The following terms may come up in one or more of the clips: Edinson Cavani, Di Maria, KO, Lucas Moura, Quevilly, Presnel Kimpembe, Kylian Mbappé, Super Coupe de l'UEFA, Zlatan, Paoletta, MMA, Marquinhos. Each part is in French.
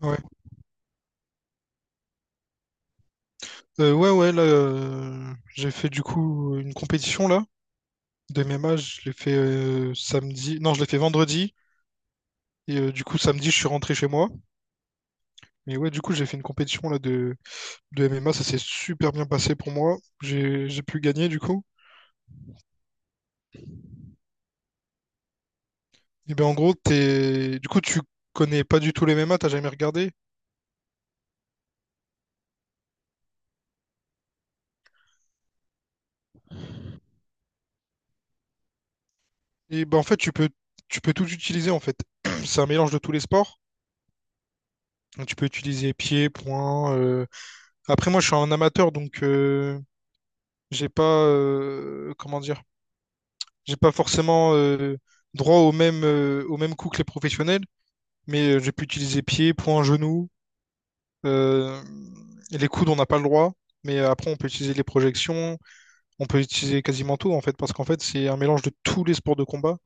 Ouais. Ouais, ouais, là, j'ai fait du coup une compétition là, de MMA. Je l'ai fait samedi, non, je l'ai fait vendredi. Et du coup samedi, je suis rentré chez moi. Mais ouais, du coup, j'ai fait une compétition là de MMA. Ça s'est super bien passé pour moi, j'ai pu gagner du coup. Et ben en gros, du coup, tu connais pas du tout les MMA, t'as jamais regardé. Et ben en fait, tu peux tout utiliser en fait. C'est un mélange de tous les sports. Donc, tu peux utiliser pied, poing. Après, moi, je suis un amateur, donc j'ai pas, comment dire, j'ai pas forcément droit au même, au même coup que les professionnels, mais j'ai pu utiliser pied, poing, genou. Euh, et les coudes, on n'a pas le droit, mais après on peut utiliser les projections, on peut utiliser quasiment tout en fait, parce qu'en fait c'est un mélange de tous les sports de combat.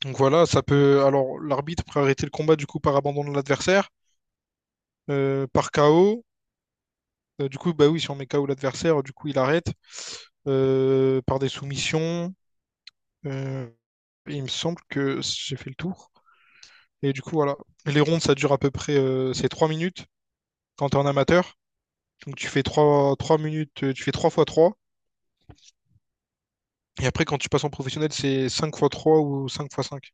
Donc voilà, ça peut. Alors l'arbitre peut arrêter le combat du coup par abandon de l'adversaire, par KO. Du coup, bah oui, si on met KO l'adversaire, du coup il arrête, par des soumissions. euh, il me semble que j'ai fait le tour. Et du coup, voilà. Les rondes, ça dure à peu près, c'est 3 minutes quand t'es es en amateur. Donc tu fais trois minutes, tu fais 3 fois trois. Et après, quand tu passes en professionnel, c'est cinq fois 3 ou 5 fois 5.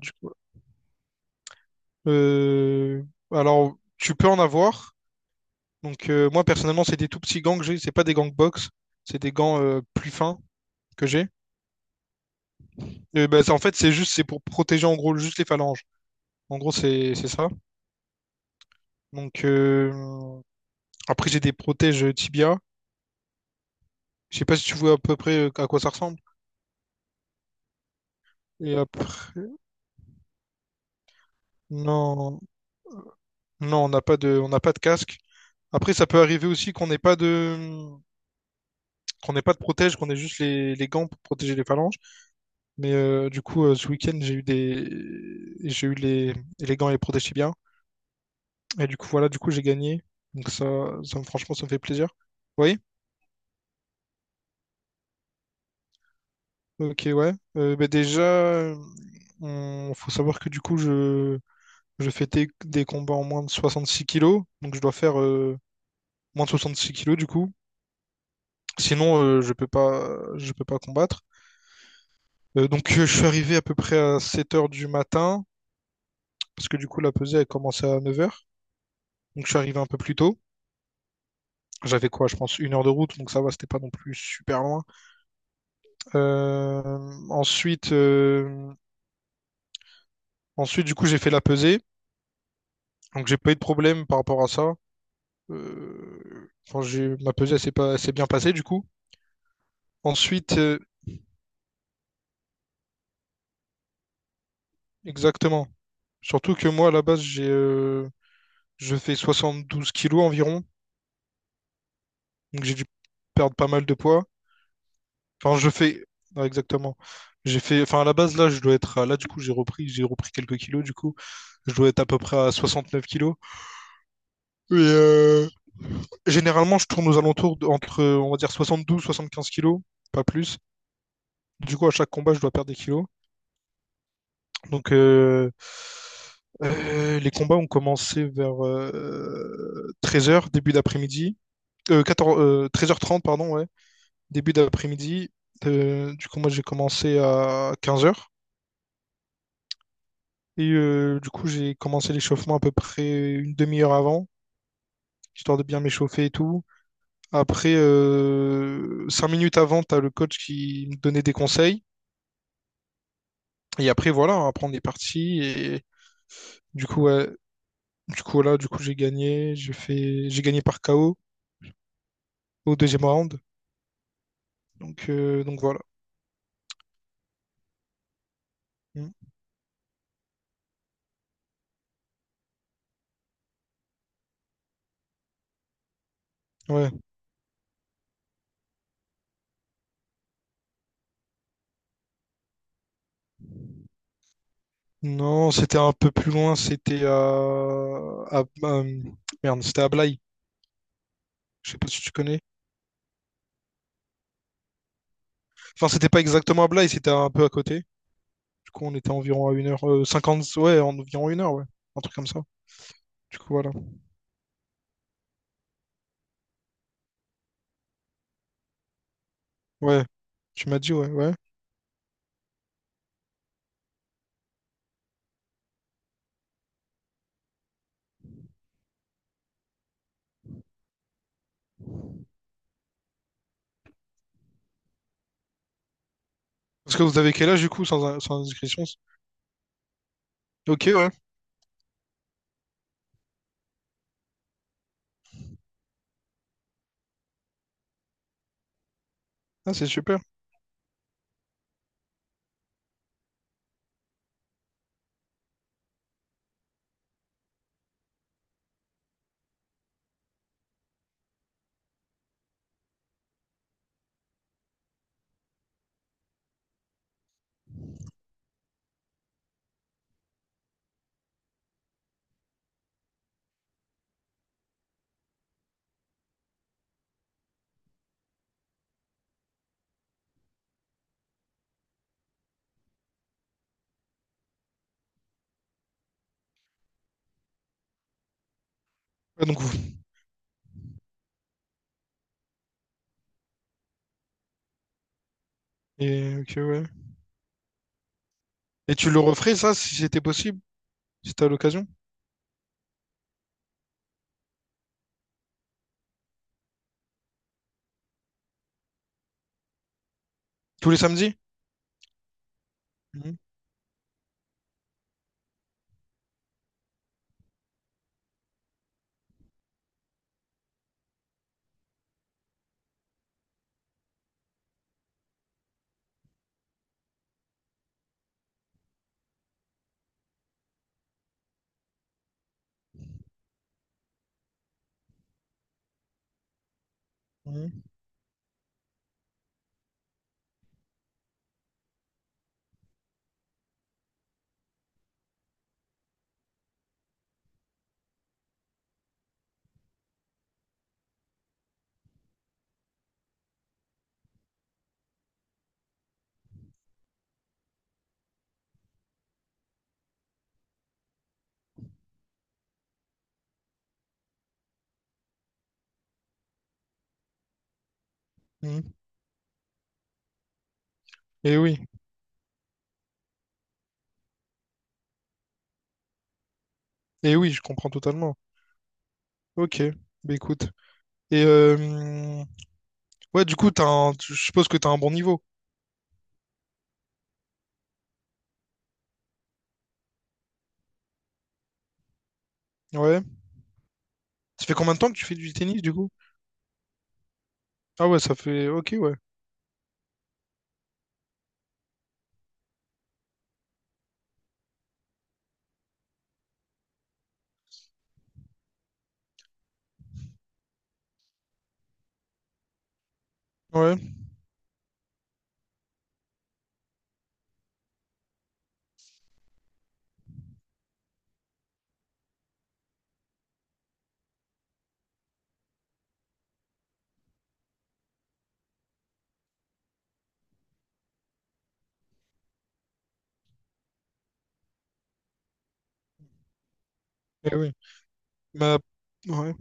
Du coup, euh, alors, tu peux en avoir. Donc moi, personnellement, c'est des tout petits gants que j'ai. C'est pas des gants box. C'est des gants, plus fins que j'ai. Bah, en fait, c'est juste, c'est pour protéger en gros juste les phalanges. En gros, c'est ça. Donc après, j'ai des protèges tibia. Je sais pas si tu vois à peu près, à quoi ça ressemble. Et après, non, non, on n'a pas de casque. Après, ça peut arriver aussi qu'on n'ait pas de protège, qu'on ait juste les gants pour protéger les phalanges. Mais du coup, ce week-end, j'ai eu les gants et les protèges tibias. Et du coup, voilà, du coup, j'ai gagné. Donc ça, franchement, ça me fait plaisir. Oui, ok, ouais. Bah déjà, faut savoir que du coup, je fais des combats en moins de 66 kilos. Donc je dois faire moins de 66 kilos du coup. Sinon, je peux pas combattre. Donc, je suis arrivé à peu près à 7 heures du matin, parce que du coup, la pesée, elle commençait à 9 heures. Donc, je suis arrivé un peu plus tôt. J'avais quoi, je pense, une heure de route, donc ça va, c'était pas non plus super loin. Euh, Ensuite, du coup, j'ai fait la pesée. Donc, j'ai pas eu de problème par rapport à ça. Enfin, ma pesée, elle s'est pas, elle s'est bien passée, du coup. Ensuite, exactement. Surtout que moi, à la base, je fais 72 kilos environ, donc j'ai dû perdre pas mal de poids. Enfin, non, exactement. J'ai fait, enfin, à la base, là, je dois être, à- là, du coup, j'ai repris quelques kilos, du coup, je dois être à peu près à 69 kilos. Et généralement, je tourne aux alentours entre, on va dire, 72, 75 kilos, pas plus. Du coup, à chaque combat, je dois perdre des kilos. Donc, les combats ont commencé vers 13 heures, début d'après-midi. 13h30, pardon, ouais. Début d'après-midi. Du coup, moi, j'ai commencé à 15 heures. Et du coup, j'ai commencé l'échauffement à peu près une demi-heure avant, histoire de bien m'échauffer et tout. Après, 5 minutes avant, t'as le coach qui me donnait des conseils. Et après, voilà, après, on est parti. Et du coup, ouais, du coup, voilà, du coup, j'ai gagné. J'ai gagné par KO au deuxième round. Donc, voilà. Mm. Ouais. Non, c'était un peu plus loin. C'était à- à- merde, c'était à Blaye. Je sais pas si tu connais. Enfin, c'était pas exactement à Blaye, c'était un peu à côté. Du coup, on était environ à 1 h cinquante. Ouais, en environ une heure, ouais. Un truc comme ça. Du coup, voilà. Ouais, tu m'as dit, ouais, ouais. Parce que vous avez quel âge, du coup, sans indiscrétion? Ok, ouais. Ah, c'est super. Ah, donc, et, ok, ouais. Et tu le referais, ça, si c'était possible, si t'as l'occasion? Tous les samedis? Mhm, mhm, mhm. Eh oui, et oui, je comprends totalement. Ok, bah écoute. Et ouais, du coup, je suppose que t'as un bon niveau. Ouais. Ça fait combien de temps que tu fais du tennis du coup? Ah ouais, ça fait. Ok, ouais. Ouais, eh oui. Bah, ouais.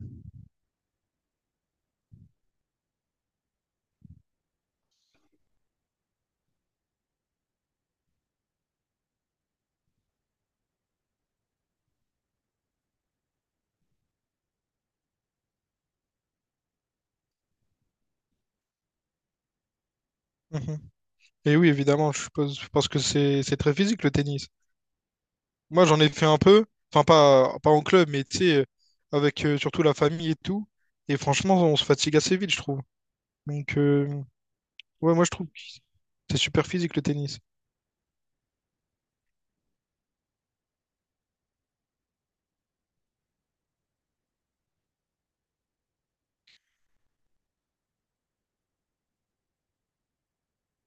Et oui, évidemment, je suppose, parce que c'est très physique le tennis. Moi, j'en ai fait un peu, enfin pas en club, mais tu sais, avec, surtout la famille et tout. Et franchement, on se fatigue assez vite, je trouve. Donc, ouais, moi, je trouve que c'est super physique le tennis.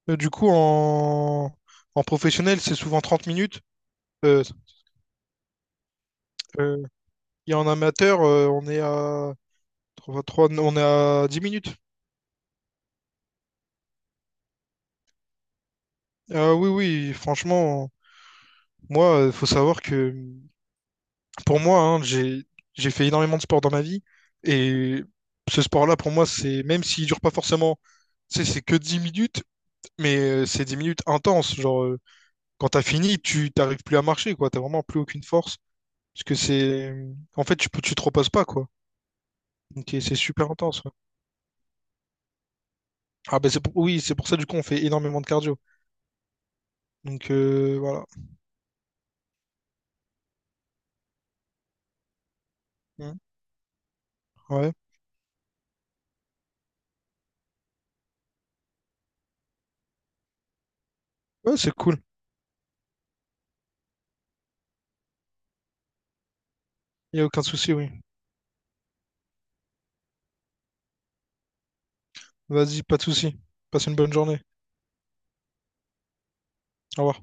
Du coup, en professionnel, c'est souvent 30 minutes. Euh, euh, et en amateur, trois- on est à 10 minutes. Ah oui, oui, franchement, moi, il faut savoir que pour moi, hein, j'ai fait énormément de sport dans ma vie, et ce sport-là, pour moi, c'est même s'il dure pas forcément, tu sais, c'est que 10 minutes, mais c'est 10 minutes intenses. Genre, quand t'as fini, tu t'arrives plus à marcher, quoi. T'as vraiment plus aucune force parce que c'est, en fait, tu te reposes pas, quoi. Donc et c'est super intense. Ouais. Ah ben oui, c'est pour ça du coup on fait énormément de cardio. Donc voilà. Mm. Ouais, ouais, c'est cool. Il y a aucun souci, oui. Vas-y, pas de souci. Passe une bonne journée. Au revoir.